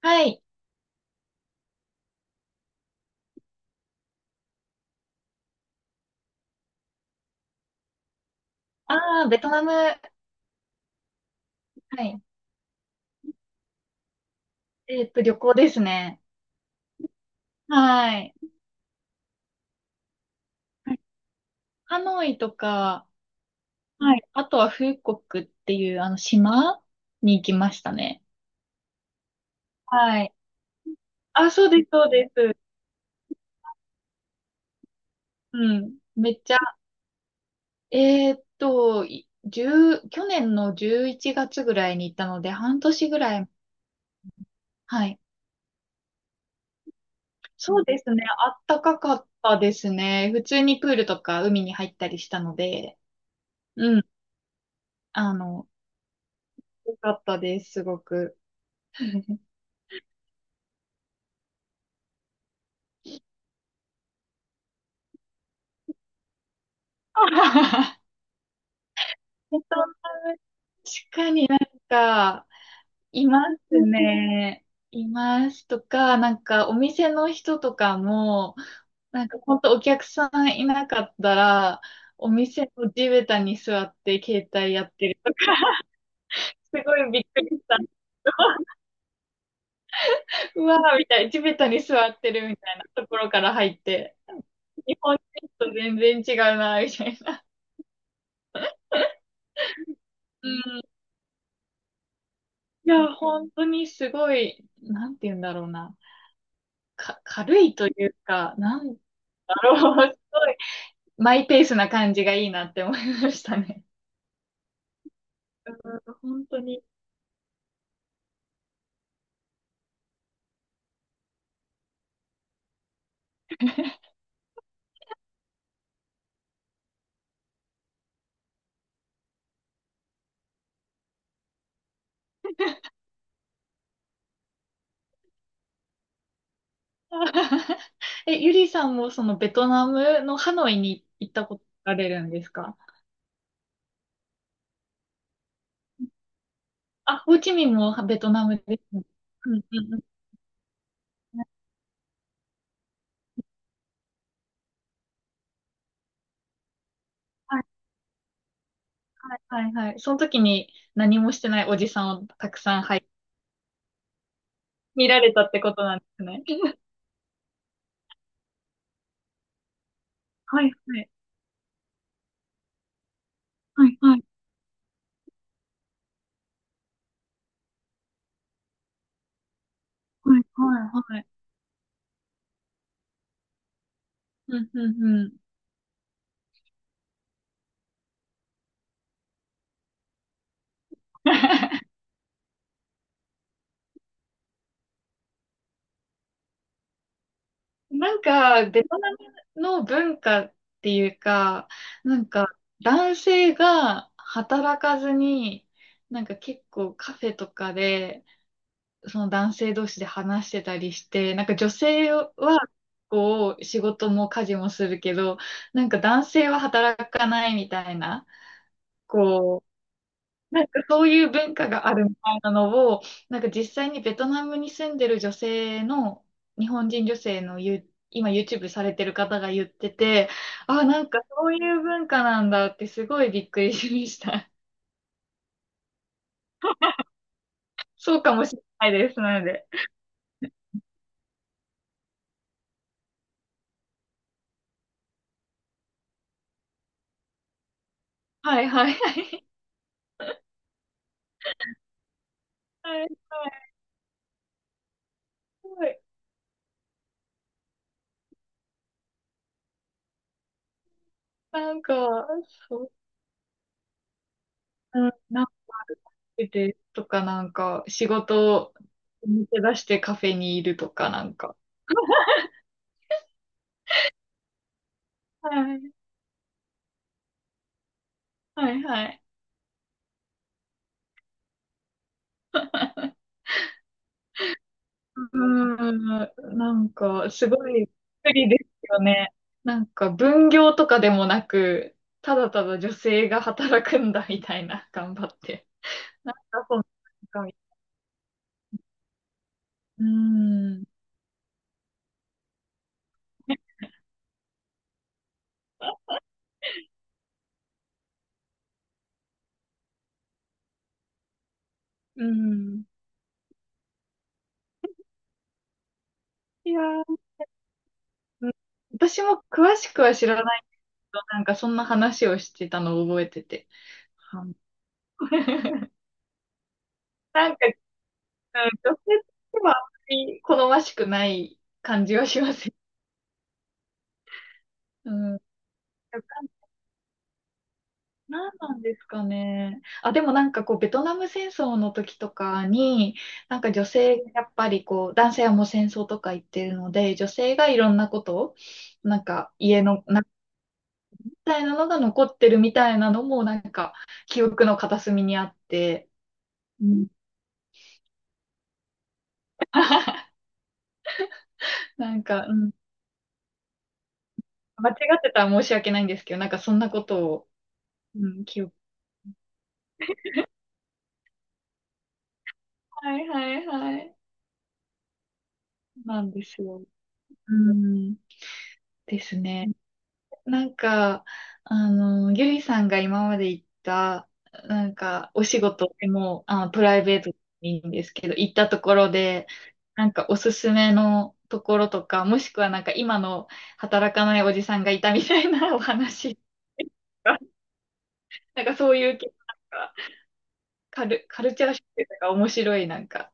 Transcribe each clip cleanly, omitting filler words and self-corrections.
はい。ああ、ベトナム。はい。旅行ですね。はい。ハノイとか。はい。あとはフーコックっていう島に行きましたね。はい。あ、そうです、そうです。うん。めっちゃ、えーっと、いじゅう去年の11月ぐらいに行ったので、半年ぐらい。はい。そうですね。あったかかったですね。普通にプールとか海に入ったりしたので、うん。あの、よかったです、すごく。確かになんか、いますね。いますとか、なんかお店の人とかも、なんか本当お客さんいなかったら、お店の地べたに座って携帯やってるとか、すごいびっくりした。うわーみたいな、地べたに座ってるみたいなところから入って、日本人と全然違うな、みたいな。うん。いや、本当にすごい、なんて言うんだろうな。か、軽いというか、なんだろう、すごい、マイペースな感じがいいなって思いましたね。うん本当に。え、ゆりさんもそのベトナムのハノイに行ったことあれるんですか？あ、ホーチミンもベトナムですね。うんうんうん。はいはいはいはい。その時に何もしてないおじさんをたくさん、はい、見られたってことなんですね。はいはい。はいはいはいはいはい。うんうんうん。なんか、ベトナムの文化っていうか、なんか、男性が働かずに、なんか結構カフェとかで、その男性同士で話してたりして、なんか女性は、こう、仕事も家事もするけど、なんか男性は働かないみたいな、こう。なんかそういう文化があるみたいなのを、なんか実際にベトナムに住んでる女性の、日本人女性のユ、今 YouTube されてる方が言ってて、あ、なんかそういう文化なんだってすごいびっくりしました。そうかもしれないです、なので。はいはいはい。はいはい。すごいなんか、そう、うん、なんか出てとかなんか仕事を抜け出してカフェにいるとかなんか。はいはいはい。うーん、なんか、すごい不利ですよね。なんか、分業とかでもなく、ただただ女性が働くんだみたいな、頑張って。なんか、そんな、うーん、うん。いやー、うん私も詳しくは知らないけど、なんか、そんな話をしてたのを覚えてて。はい なんか、うん女性としてはあんまり好ましくない感じはしますよ。うん。なんなんですかね。あ、でもなんかこう、ベトナム戦争の時とかに、なんか女性、やっぱりこう、男性はもう戦争とか言ってるので、女性がいろんなことを、なんか家の、なみたいなのが残ってるみたいなのも、なんか記憶の片隅にあって、うん、なんか、うん、間違ってたら申し訳ないんですけど、なんかそんなことを、うん、記憶。はいはいはい。なんですよ。うん、ですね。なんか、ゆりさんが今まで行った、なんか、お仕事でも、あ、プライベートでもいいんですけど、行ったところで、なんかおすすめのところとか、もしくはなんか今の働かないおじさんがいたみたいなお話とか、なんかそういう系、なんかカル、カルチャーショックとか面白いなんか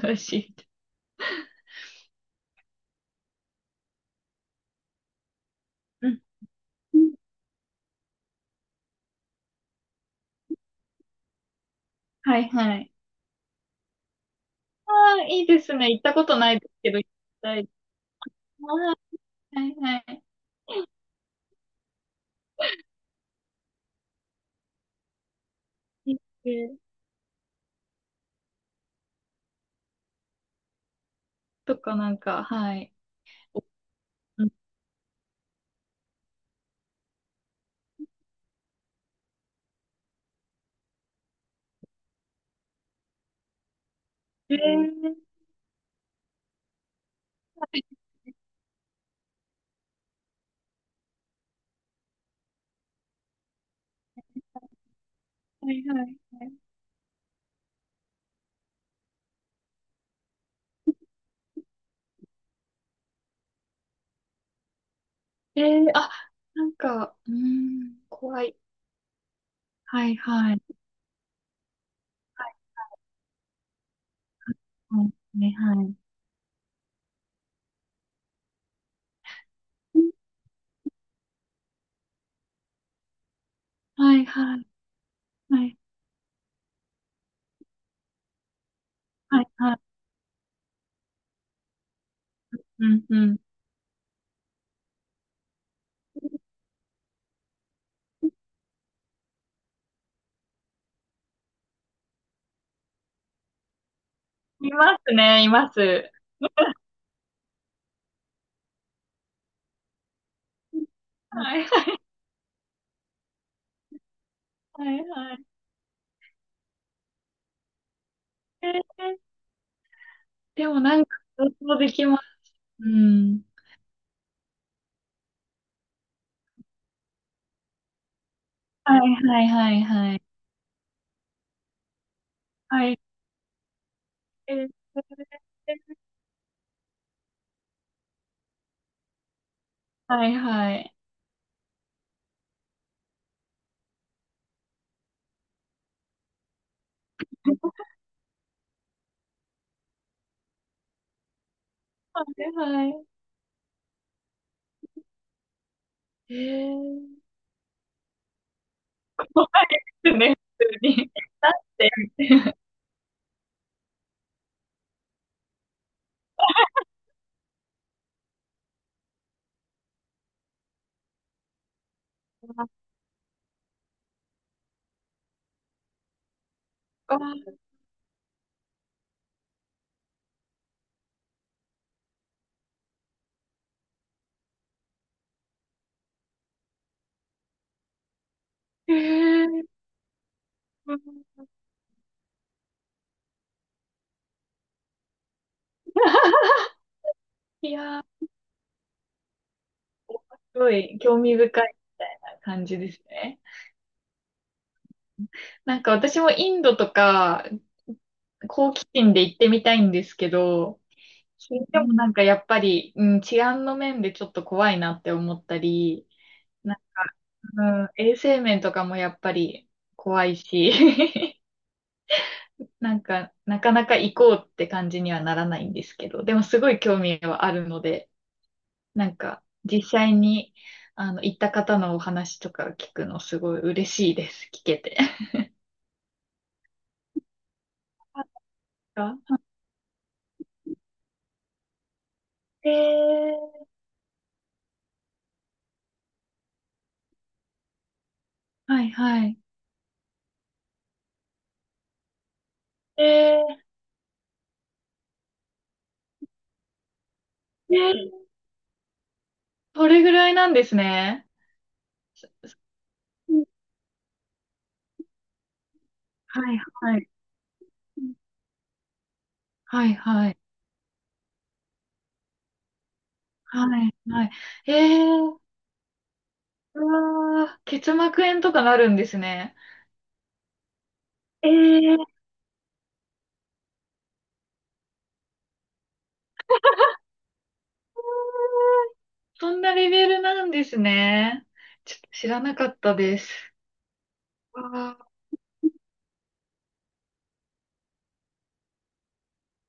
話。うんはいはい。ああ、いいですね。行ったことないですけど、行きたい。はいはいはい。とかなんか、はい。うんえー、はいはいはいはい。えー、あ、なんか、うーん、怖い。はいはい。はいねはい。はいはい。はいはいはい。うんうん。いますね、います。はいはいはい。えー、でもなんか、想像できます。うん。はいはいはいはい。はい。えー、はいはい。はいはい。えー 怖いですね、普通に。だって、ああ、へえうん。いやー、すごい興味深いみたいな感じですね。なんか私もインドとか、好奇心で行ってみたいんですけど、聞もなんかやっぱり、うん、治安の面でちょっと怖いなって思ったり、なんか、うん、衛生面とかもやっぱり怖いし なんか、なかなか行こうって感じにはならないんですけど、でもすごい興味はあるので、なんか、実際に、行った方のお話とか聞くのすごい嬉しいです。聞けて。あえー、はいはい。えー、えー、それぐらいなんですね。うんはいはい。はいはい。はいはい。えー、うわー、結膜炎とかなるんですね。えー、そんなレベルなんですね。ちょっと知らなかったです。ああ、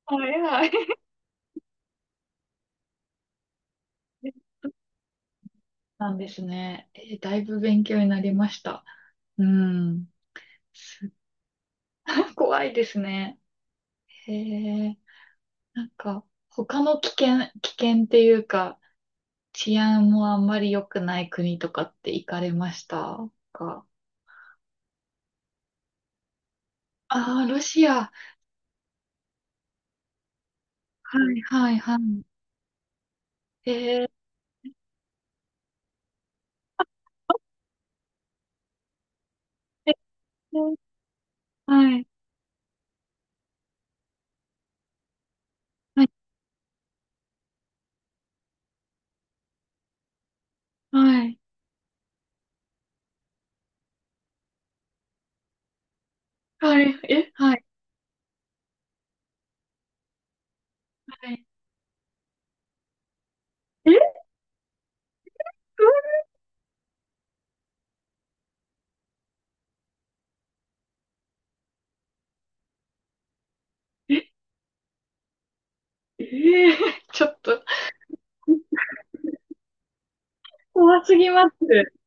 早い。なんですね。えーだいぶ勉強になりました。うん。すごい怖いですね。へえ。なんか、他の危険、危険っていうか、治安もあんまり良くない国とかって行かれましたか？ああー、ロシア。はいはいはい。へえ。あえはいはいはい。はい。え、はいはい。えええーちょっと怖すぎます。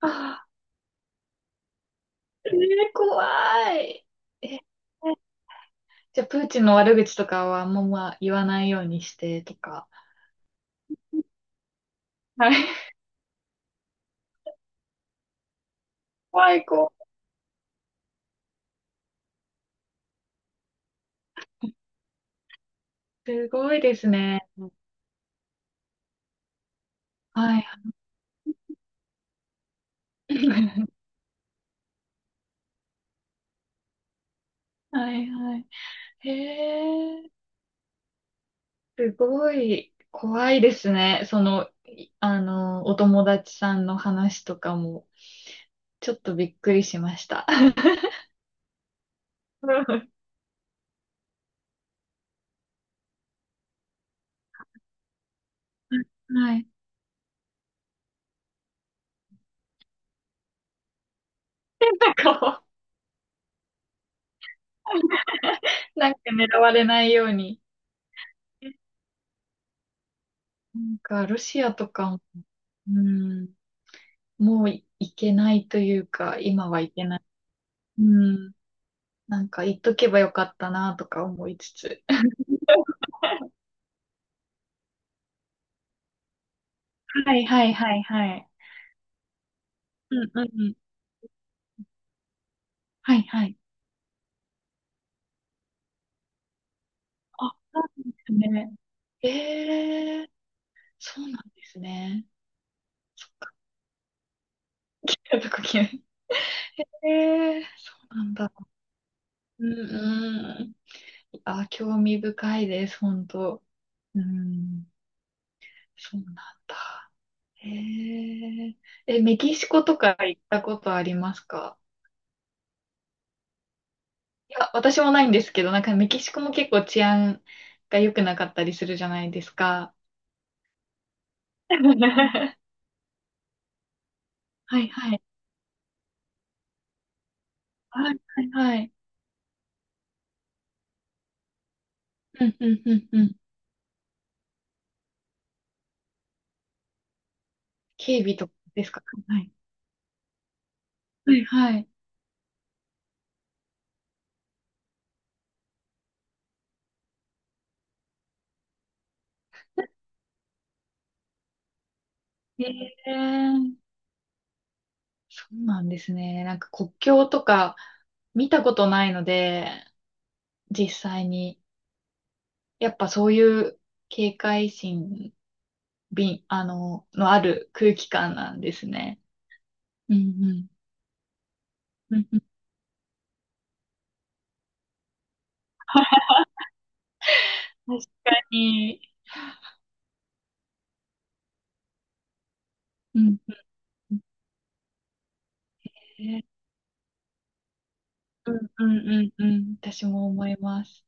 あー、えー怖い。えーじゃあ、プーチンの悪口とかはあんままあ言わないようにしてとか。はい。怖い子。すごいですね。はいはい。はいはい。へえ、すごい怖いですね。その、いあの、お友達さんの話とかも、ちょっとびっくりしました。はい。変な顔。なんか狙われないように。なんか、ロシアとかも、うん、もういけないというか、今はいけない。うん、なんか、言っとけばよかったな、とか思いつつ。はいはいはいはい。うんうんうん。はいはい。あ、そうなんですね。ええーそうなんですね。やっぱこうええー、そうなんだ。うんうん。あ、興味深いです、本当。うん、そうなんだ。へえ。え、メキシコとか行ったことありますか？いや、私もないんですけど、なんかメキシコも結構治安が良くなかったりするじゃないですか。ははいはい。はいはいはい。うんうんうんうん。警備とかですか？はい。はいはい。ええそうなんですね。なんか国境とか見たことないので、実際に。やっぱそういう警戒心、びん、のある空気感なんですね。うんうん。うんうん確かに。うんうんうんうんうんうん。私も思います。